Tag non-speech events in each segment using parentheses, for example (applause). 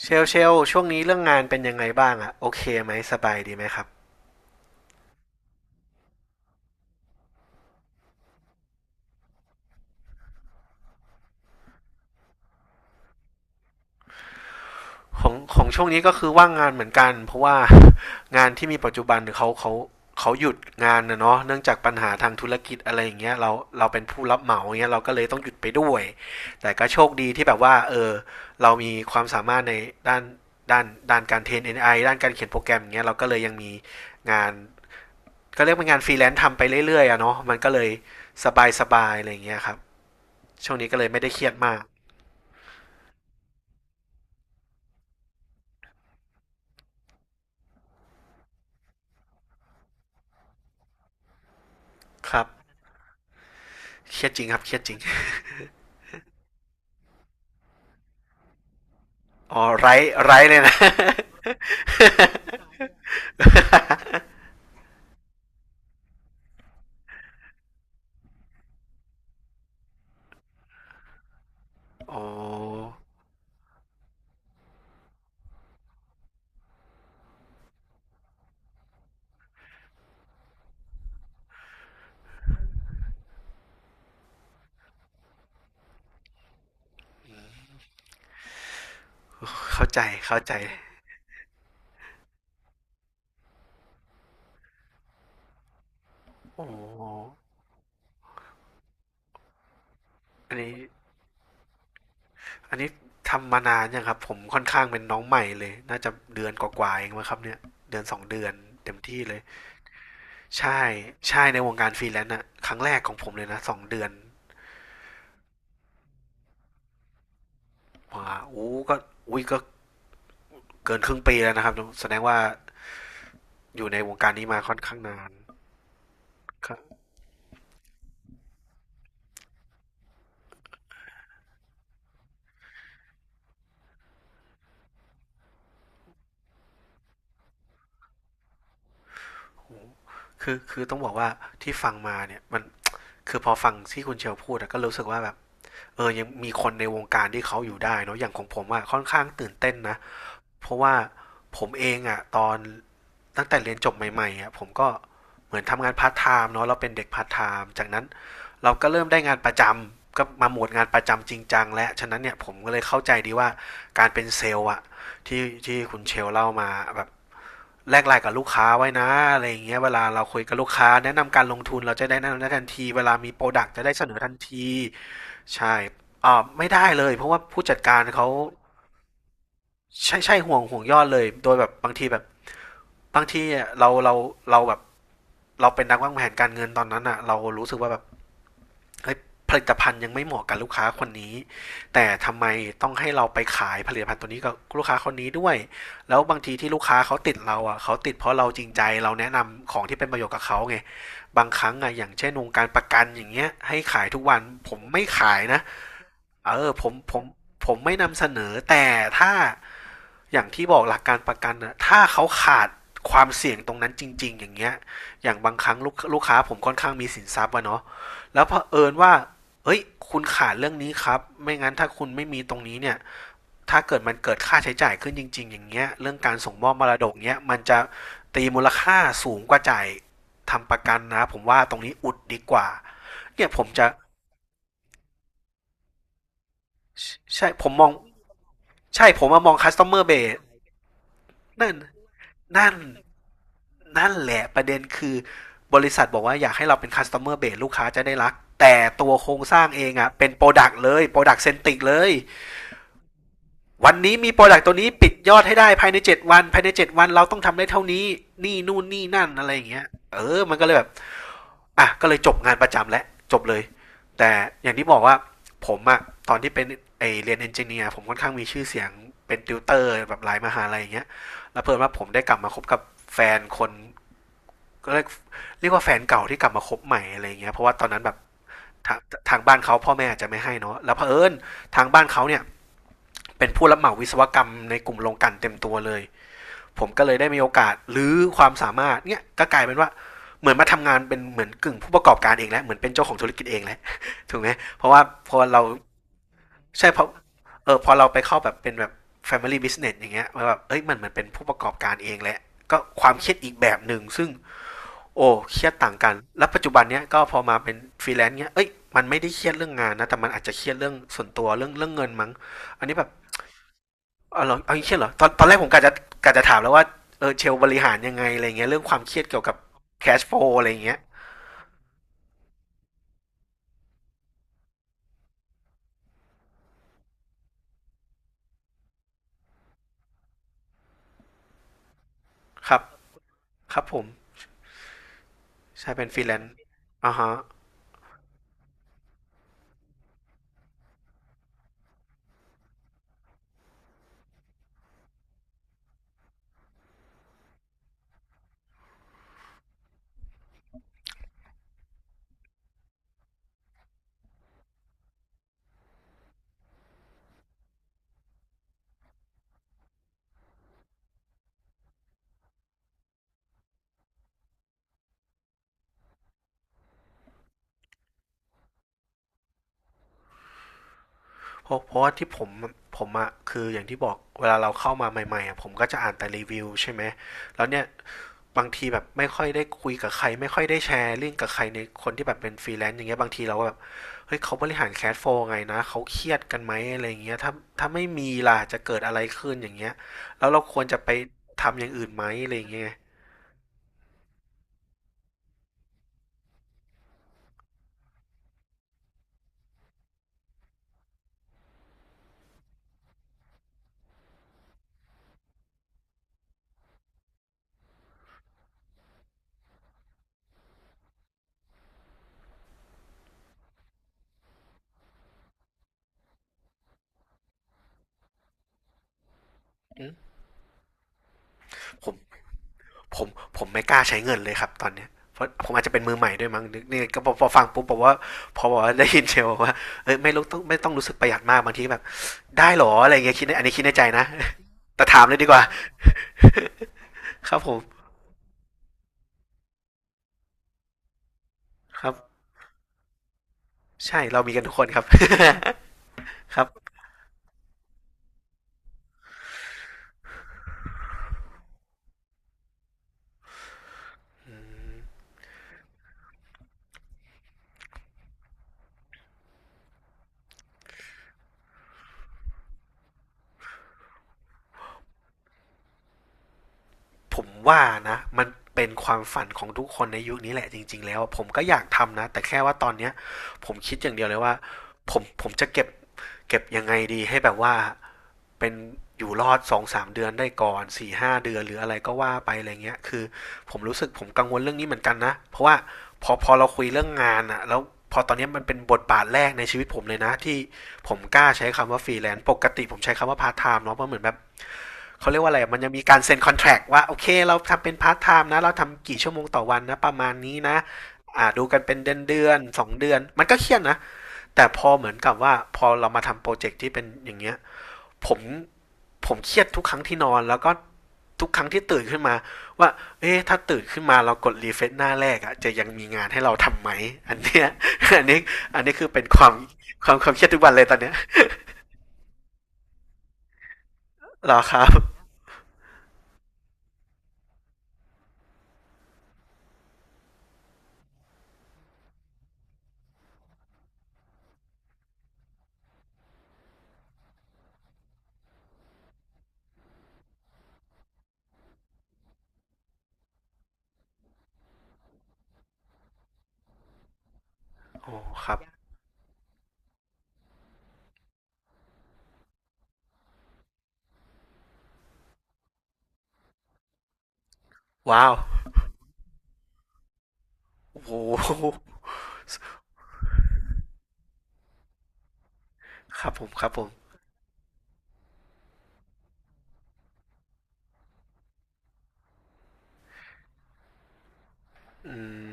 เชลช่วงนี้เรื่องงานเป็นยังไงบ้างอะโอเคไหมสบายดีไหมครับของช่วงนี้ก็คือว่างงานเหมือนกันเพราะว่างานที่มีปัจจุบันเขาหยุดงานนะเนาะเนื่องจากปัญหาทางธุรกิจอะไรอย่างเงี้ยเราเป็นผู้รับเหมาเงี้ยเราก็เลยต้องหยุดไปด้วยแต่ก็โชคดีที่แบบว่าเรามีความสามารถในด้านด้านด้านการเทรนเอไอด้านการเขียนโปรแกรมอย่างเงี้ยเราก็เลยยังมีงานก็เรียกเป็นงานฟรีแลนซ์ทำไปเรื่อยๆอะเนาะมันก็เลยสบายๆอะไรอย่างเงี้ยครับช่วงนี้ก็เลยไม่ได้เครียดมาก ครับเครียดจริงครับเครียดจริงอ๋อไรเลยนะ (laughs) อ๋อเข้าใจเข้าใจอ๋ออันนี้อันนี้ทำมานานยังครับผมค่อนข้างเป็นน้องใหม่เลยน่าจะเดือนกว่าๆเองมั้งครับเนี่ยเดือนสองเดือนเต็มที่เลยใช่ใช่ในวงการฟรีแลนซ์อะครั้งแรกของผมเลยนะสองเดือนว้าโอ้ก็อุ้ยก็เกินครึ่งปีแล้วนะครับแสดงว่าอยู่ในวงการนี้มาค่อนข้างนานครับ คือต้องบอกว่าที่ฟังมาเนี่ยมันคือพอฟังที่คุณเชลพูดก็รู้สึกว่าแบบเออยังมีคนในวงการที่เขาอยู่ได้เนาะอย่างของผมอะค่อนข้างตื่นเต้นนะเพราะว่าผมเองอะตอนตั้งแต่เรียนจบใหม่ๆอะผมก็เหมือนทำงานพาร์ทไทม์เนาะเราเป็นเด็กพาร์ทไทม์จากนั้นเราก็เริ่มได้งานประจำก็มาโหมดงานประจำจริงจังและฉะนั้นเนี่ยผมก็เลยเข้าใจดีว่าการเป็นเซลล์อะที่ที่คุณเชลเล่ามาแบบ แลกไลน์กับลูกค้าไว้นะอะไรอย่างเงี้ยเวลาเราคุยกับลูกค้าแนะนำการลงทุนเราจะได้แนะนำได้ทันทีเวลามีโปรดักต์จะได้เสนอทันทีใช่อ่าไม่ได้เลยเพราะว่าผู้จัดการเขาใช่ใช่ห่วงยอดเลยโดยแบบบางทีแบบบางทีอะเราเราเราแบบเราเป็นนักวางแผนการเงินตอนนั้นอะเรารู้สึกว่าแบบ ผลิตภัณฑ์ยังไม่เหมาะกับลูกค้าคนนี้แต่ทำไมต้องให้เราไปขายผลิตภัณฑ์ตัวนี้กับลูกค้าคนนี้ด้วยแล้วบางทีที่ลูกค้าเขาติดเราอ่ะเขาติดเพราะเราจริงใจเราแนะนำของที่เป็นประโยชน์กับเขาไงบางครั้งอ่ะอย่างเช่นวงการประกันอย่างเงี้ยให้ขายทุกวันผมไม่ขายนะเออผมไม่นำเสนอแต่ถ้า อย่างที่บอกหลักการประกันนะถ้าเขาขาดความเสี่ยงตรงนั้นจริงๆอย่างเงี้ยอย่างบางครั้งลูกค้าผมค่อนข้างมีสินทรัพย์อะเนาะแล้วเผอิญว่าเฮ้ยคุณขาดเรื่องนี้ครับไม่งั้นถ้าคุณไม่มีตรงนี้เนี่ยถ้าเกิดมันเกิดค่าใช้จ่ายขึ้นจริงๆอย่างเงี้ยเรื่องการส่งมอบมรดกเนี้ยมันจะตีมูลค่าสูงกว่าจ่ายทำประกันนะผมว่าตรงนี้อุดดีกว่าเนี่ยผมจะใช่ผมมองใช่ผมมามอง customer base นั่นนั่น นั่นแหละประเด็นคือบริษัทบอกว่าอยากให้เราเป็น customer base ลูกค้าจะได้รักแต่ตัวโครงสร้างเองอะเป็น product เลย product centric เลยวันนี้มี product ตัวนี้ปิดยอดให้ได้ภายใน7วันภายใน7วันเราต้องทำได้เท่านี้นี่นู่นนี่นั่นอะไรอย่างเงี้ยเออมันก็เลยแบบอ่ะก็เลยจบงานประจำและจบเลยแต่อย่างที่บอกว่าผมอะตอนที่เป็นไอเรียนเอนจิเนียร์ผมค่อนข้างมีชื่อเสียงเป็นติวเตอร์แบบหลายมหาลัยอย่างเงี้ยแล้วเพิ่มว่าผมได้กลับมาคบกับแฟนคน ก็เรียกว่าแฟนเก่าที่กลับมาคบใหม่อะไรเงี้ยเพราะว่าตอนนั้นแบบทางทางบ้านเขาพ่อแม่อาจจะไม่ให้เนาะแล้วเผอิญทางบ้านเขาเนี่ยเป็นผู้รับเหมาวิศวกรรมในกลุ่มโรงกลันเต็มตัวเลย ผมก็เลยได้มีโอกาสหรือความสามารถเนี่ยก็กลายเป็นว่าเหมือนมาทำงานเป็นเหมือนกึ่งผู้ประกอบการเองแล้วเหมือนเป็นเจ้าของธุรกิจเองแล้ว (laughs) ถูกไหมเพราะว่าพอเราใช่เพราะเออพอเราไปเข้าแบบเป็นแบบ Family Business อย่างเงี้ยมัแบบเอ้ยมันเหมือนเป็นผู้ประกอบการเองแลลวก็ความเครียดอีกแบบหนึ่งซึ่ง โอ้เครียดต่างกันแล้วปัจจุบันเนี้ยก็พอมาเป็นฟรีแลนซ์เนี้ยเอ้ยมันไม่ได้เครียดเรื่องงานนะแต่มันอาจจะเครียดเรื่องส่วนตัวเรื่องเงินมั้งอันนี้แบบเอาเหรอเอา่งเครียดเหรอตอนแรกผมกะจะกะจะถามแล้วว่าเออเชลบริหารยังไงอะไรเงี้ยเรื่องความเครียดเกี่ยวกับแคชโฟลอะไรเงี้ยครับครับผมใช่เป็นฟรีแลนซ์อ่าฮะ เพราะว่าที่ผมผมอะ คืออย่างที่บอกเวลาเราเข้ามาใหม่ๆอะผมก็จะอ่านแต่รีวิวใช่ไหมแล้วเนี่ย บางทีแบบไม่ค่อยได้คุยกับใคร ไม่ค่อยได้แชร์เรื่องกับใครในคนที่แบบเป็นฟรีแลนซ์อย่างเงี้ยบางทีเราก็แบบเฮ้ยเขาบริหารแคชโฟลว์ไงนะเขาเครียดกันไหมอะไรอย่างเงี้ยถ้าไม่มีล่ะจะเกิดอะไรขึ้นอย่างเงี้ยแล้วเราควรจะไปทำอย่างอื่นไหมอะไรอย่างเงี้ยอืมผม ผมผมไม่กล้าใช้เงินเลยครับตอนเนี้ยเพราะผมอาจจะเป็นมือใหม่ด้วยมั้งนกี่ก็พอฟังปุ๊บบอกว่าพอบอกว่าได้ยินเชลว่าเอ้ยไม่ต้องรู้สึกประหยัดมากบางทีแบบได้หรออะไรเงี้ยคิดในอันนี้คิดในใจนะแต่ถามเลยดีกว่าครับผมครับใช่เรามีกันทุกคนครับ (laughs) ครับ ผมว่านะมันเป็นความฝันของทุกคนในยุคนี้แหละจริงๆแล้วผมก็อยากทำนะแต่แค่ว่าตอนเนี้ยผมคิดอย่างเดียวเลยว่าผมจะเก็บเก็บยังไงดีให้แบบว่าเป็นอยู่รอด2 ถึง 3 เดือนได้ก่อน4 ถึง 5 เดือนหรืออะไรก็ว่าไปอะไรเงี้ยคือผมรู้สึกผมกังวลเรื่องนี้เหมือนกันนะเพราะว่าพอเราคุยเรื่องงานอะแล้วพอตอนนี้มันเป็นบทบาทแรกในชีวิตผมเลยนะที่ผมกล้าใช้คำว่าฟรีแลนซ์ปกติผมใช้คำว่าพาร์ทไทม์เนาะเพราะเหมือนแบบ เขาเรียกว่าอะไรมันยังมีการเซ็นคอนแท c t ว่าโอเคเราทำเป็นพาร์ทไทม์นะเราทำกี่ชั่วโมงต่อวันนะประมาณนี้นะอ่าดูกันเป็นเดือนเดือน2 เดือนมันก็เครียดนะแต่พอเหมือนกับว่าพอเรามาทำโปรเจกต์ที่เป็นอย่างเงี้ยผมผมเครียดทุกครั้งที่นอนแล้วก็ทุกครั้งที่ตื่นขึ้นมาว่าเอ๊ะถ้าตื่นขึ้นมาเรากดรีเฟซหน้าแรกอะจะยังมีงานให้เราทำไหมอันเนี้ยอันนี้อันนี้คือเป็นความความเครียดทุกวันเลยตอนเนี้ยหรอครับโอ้ครับว้าวโอ้โห ครับผมครับผมอืม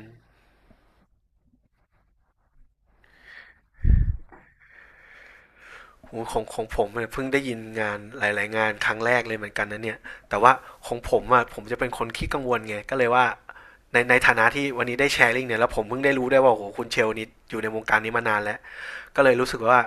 โหของของผมเนี่ยเพิ่งได้ยินงานหลายๆงานครั้งแรกเลยเหมือนกันนะเนี่ยแต่ว่าของผมอ่ะผมจะเป็นคนขี้กังวลไงก็เลยว่าในฐานะที่วันนี้ได้แชร์ลิงก์เนี่ยแล้วผมเพิ่งได้รู้ได้วยว่าโอ้โหคุณเชลนี่อยู่ในวงการนี้มานานแล้วก็เลยรู้สึกว่า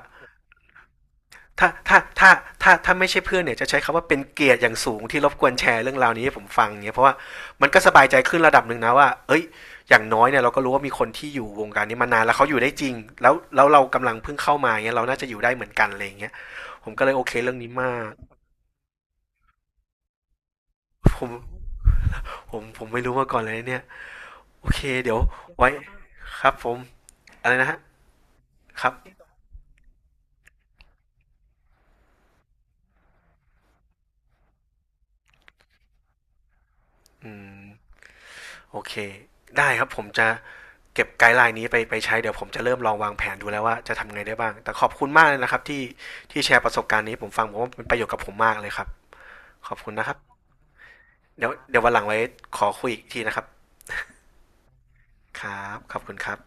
ถ้าถ้าถ้าถ้าไม่ใช่เพื่อนเนี่ยจะใช้คำว่าเป็นเกียรติอย่างสูงที่รบกวนแชร์เรื่องราวนี้ให้ผมฟังเนี่ยเพราะว่ามันก็สบายใจขึ้นระดับหนึ่งนะว่าเอ้ยอย่างน้อยเนี่ยเราก็รู้ว่ามีคนที่อยู่วงการนี้มานานแล้วเขาอยู่ได้จริงแล้วเรากำลังเพิ่งเข้ามาเนี่ยเราน่าจะอยู่ได้เหมือนกันอะไรอย่างเงี้ยผมก็เลยโอเคเรื่องนี้มากผมผมไม่รู้มาก่อนเลยเนี่ยโอเคเดี๋ยวไว้ครับผมอะไรนะฮะครับอืม โอเคได้ครับผมจะเก็บไกด์ไลน์นี้ไปไปใช้เดี๋ยวผมจะเริ่มลองวางแผนดูแล้วว่าจะทำไงได้บ้างแต่ขอบคุณมากเลยนะครับที่ที่แชร์ประสบการณ์นี้ผมฟังผมว่าเป็นประโยชน์กับผมมากเลยครับขอบคุณนะครับเดี๋ยววันหลังไว้ขอคุยอีกทีนะครับครับขอบคุณครับ